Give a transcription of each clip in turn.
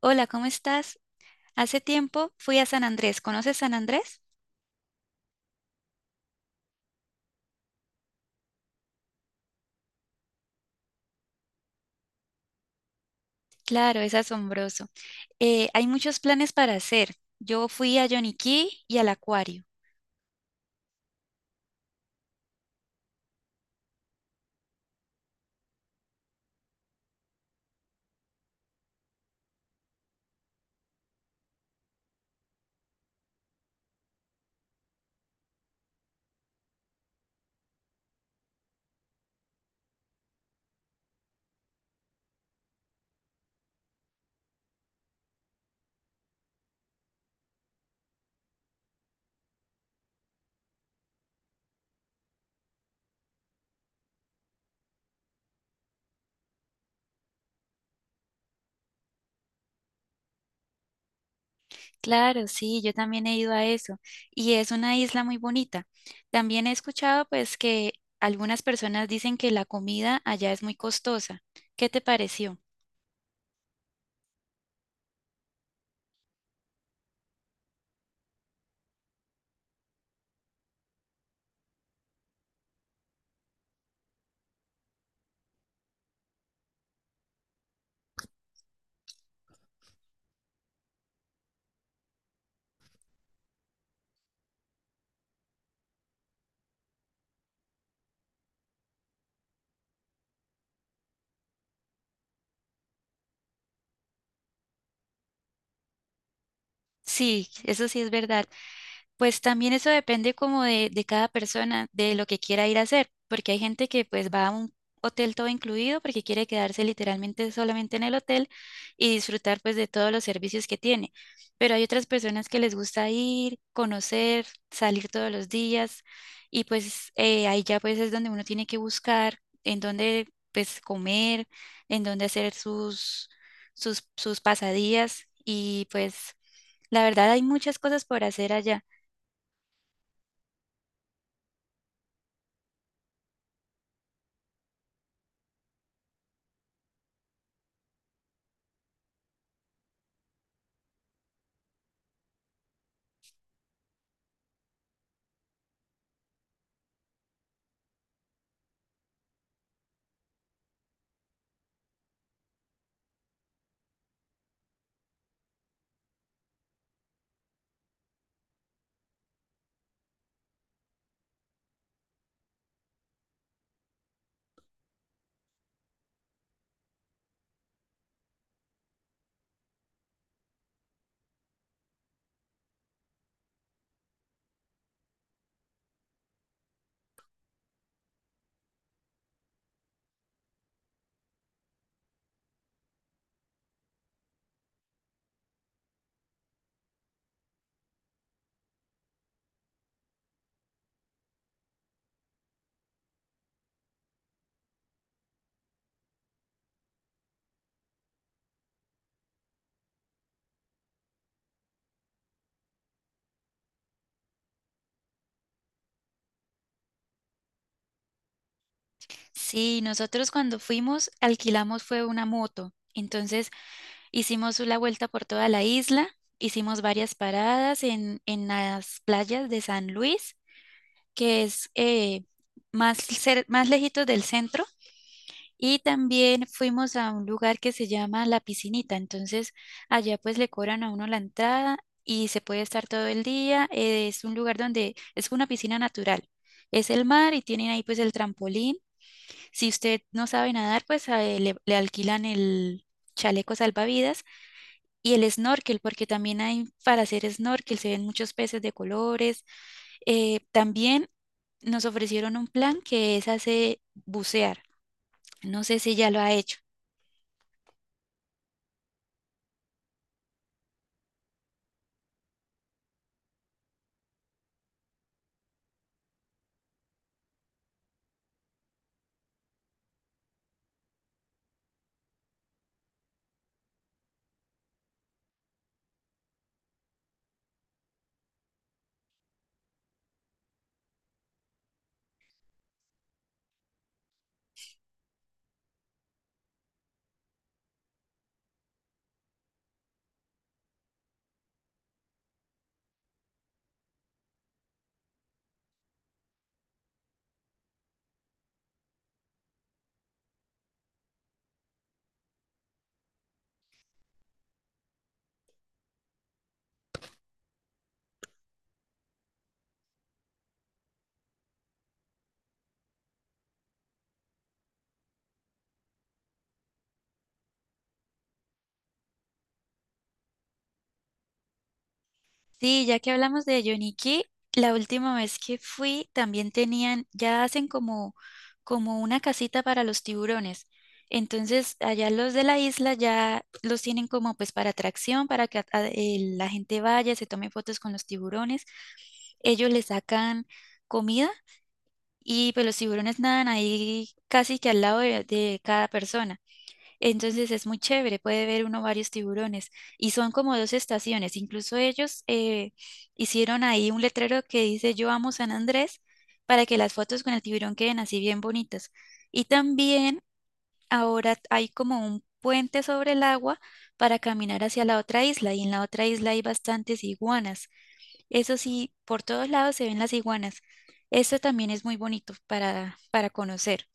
Hola, ¿cómo estás? Hace tiempo fui a San Andrés. ¿Conoces San Andrés? Claro, es asombroso. Hay muchos planes para hacer. Yo fui a Yoniquí y al acuario. Claro, sí, yo también he ido a eso. Y es una isla muy bonita. También he escuchado pues que algunas personas dicen que la comida allá es muy costosa. ¿Qué te pareció? Sí, eso sí es verdad. Pues también eso depende como de cada persona, de lo que quiera ir a hacer, porque hay gente que pues va a un hotel todo incluido porque quiere quedarse literalmente solamente en el hotel y disfrutar pues de todos los servicios que tiene. Pero hay otras personas que les gusta ir, conocer, salir todos los días y pues ahí ya pues es donde uno tiene que buscar en dónde pues comer, en dónde hacer sus, sus pasadías y pues la verdad hay muchas cosas por hacer allá. Sí, nosotros cuando fuimos alquilamos fue una moto. Entonces hicimos la vuelta por toda la isla, hicimos varias paradas en las playas de San Luis, que es más, más lejitos del centro, y también fuimos a un lugar que se llama La Piscinita. Entonces allá pues le cobran a uno la entrada y se puede estar todo el día. Es un lugar donde es una piscina natural. Es el mar y tienen ahí pues el trampolín si usted no sabe nadar, pues a él le alquilan el chaleco salvavidas y el snorkel, porque también hay para hacer snorkel, se ven muchos peces de colores. También nos ofrecieron un plan que es hacer bucear. No sé si ya lo ha hecho. Sí, ya que hablamos de Yoniki, la última vez que fui también tenían, ya hacen como, como una casita para los tiburones. Entonces, allá los de la isla ya los tienen como pues para atracción, para que la gente vaya, se tome fotos con los tiburones. Ellos le sacan comida y pues los tiburones nadan ahí casi que al lado de cada persona. Entonces es muy chévere, puede ver uno varios tiburones. Y son como dos estaciones. Incluso ellos hicieron ahí un letrero que dice "Yo amo San Andrés" para que las fotos con el tiburón queden así bien bonitas. Y también ahora hay como un puente sobre el agua para caminar hacia la otra isla. Y en la otra isla hay bastantes iguanas. Eso sí, por todos lados se ven las iguanas. Esto también es muy bonito para conocer.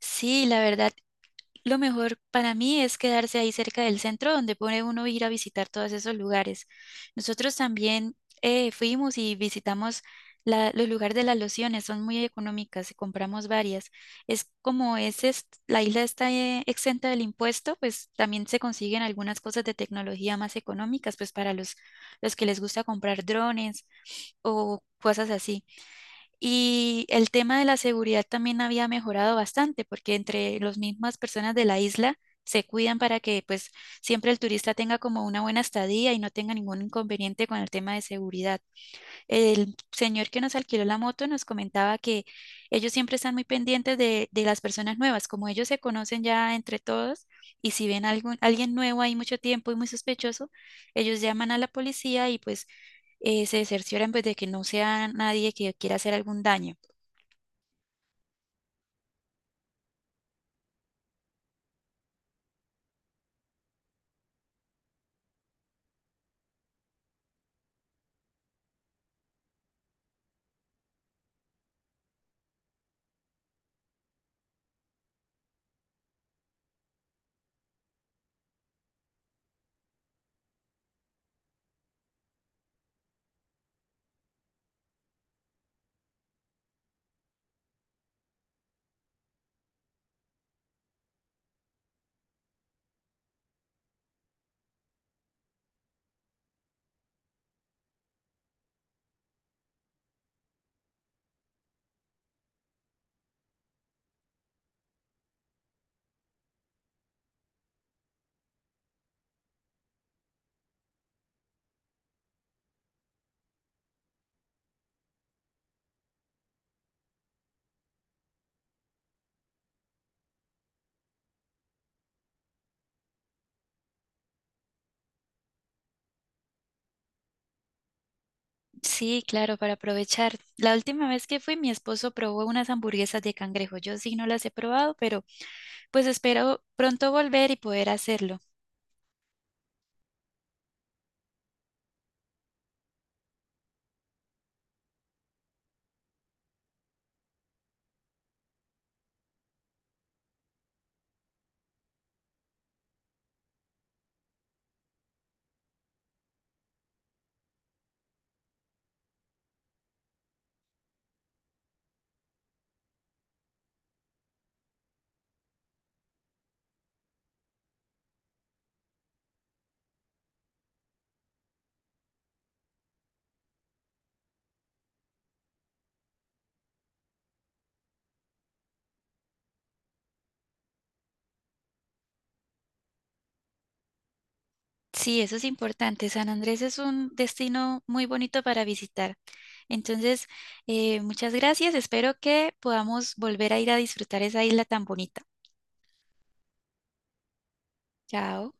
Sí, la verdad, lo mejor para mí es quedarse ahí cerca del centro donde puede uno ir a visitar todos esos lugares. Nosotros también fuimos y visitamos los lugares de las lociones, son muy económicas y compramos varias. Es, la isla está exenta del impuesto, pues también se consiguen algunas cosas de tecnología más económicas, pues para los que les gusta comprar drones o cosas así. Y el tema de la seguridad también había mejorado bastante, porque entre las mismas personas de la isla se cuidan para que pues siempre el turista tenga como una buena estadía y no tenga ningún inconveniente con el tema de seguridad. El señor que nos alquiló la moto nos comentaba que ellos siempre están muy pendientes de las personas nuevas, como ellos se conocen ya entre todos y si ven alguien nuevo ahí mucho tiempo y muy sospechoso, ellos llaman a la policía y pues se cercioran pues, de que no sea nadie que quiera hacer algún daño. Sí, claro, para aprovechar. La última vez que fui, mi esposo probó unas hamburguesas de cangrejo. Yo sí no las he probado, pero pues espero pronto volver y poder hacerlo. Sí, eso es importante. San Andrés es un destino muy bonito para visitar. Entonces, muchas gracias. Espero que podamos volver a ir a disfrutar esa isla tan bonita. Chao.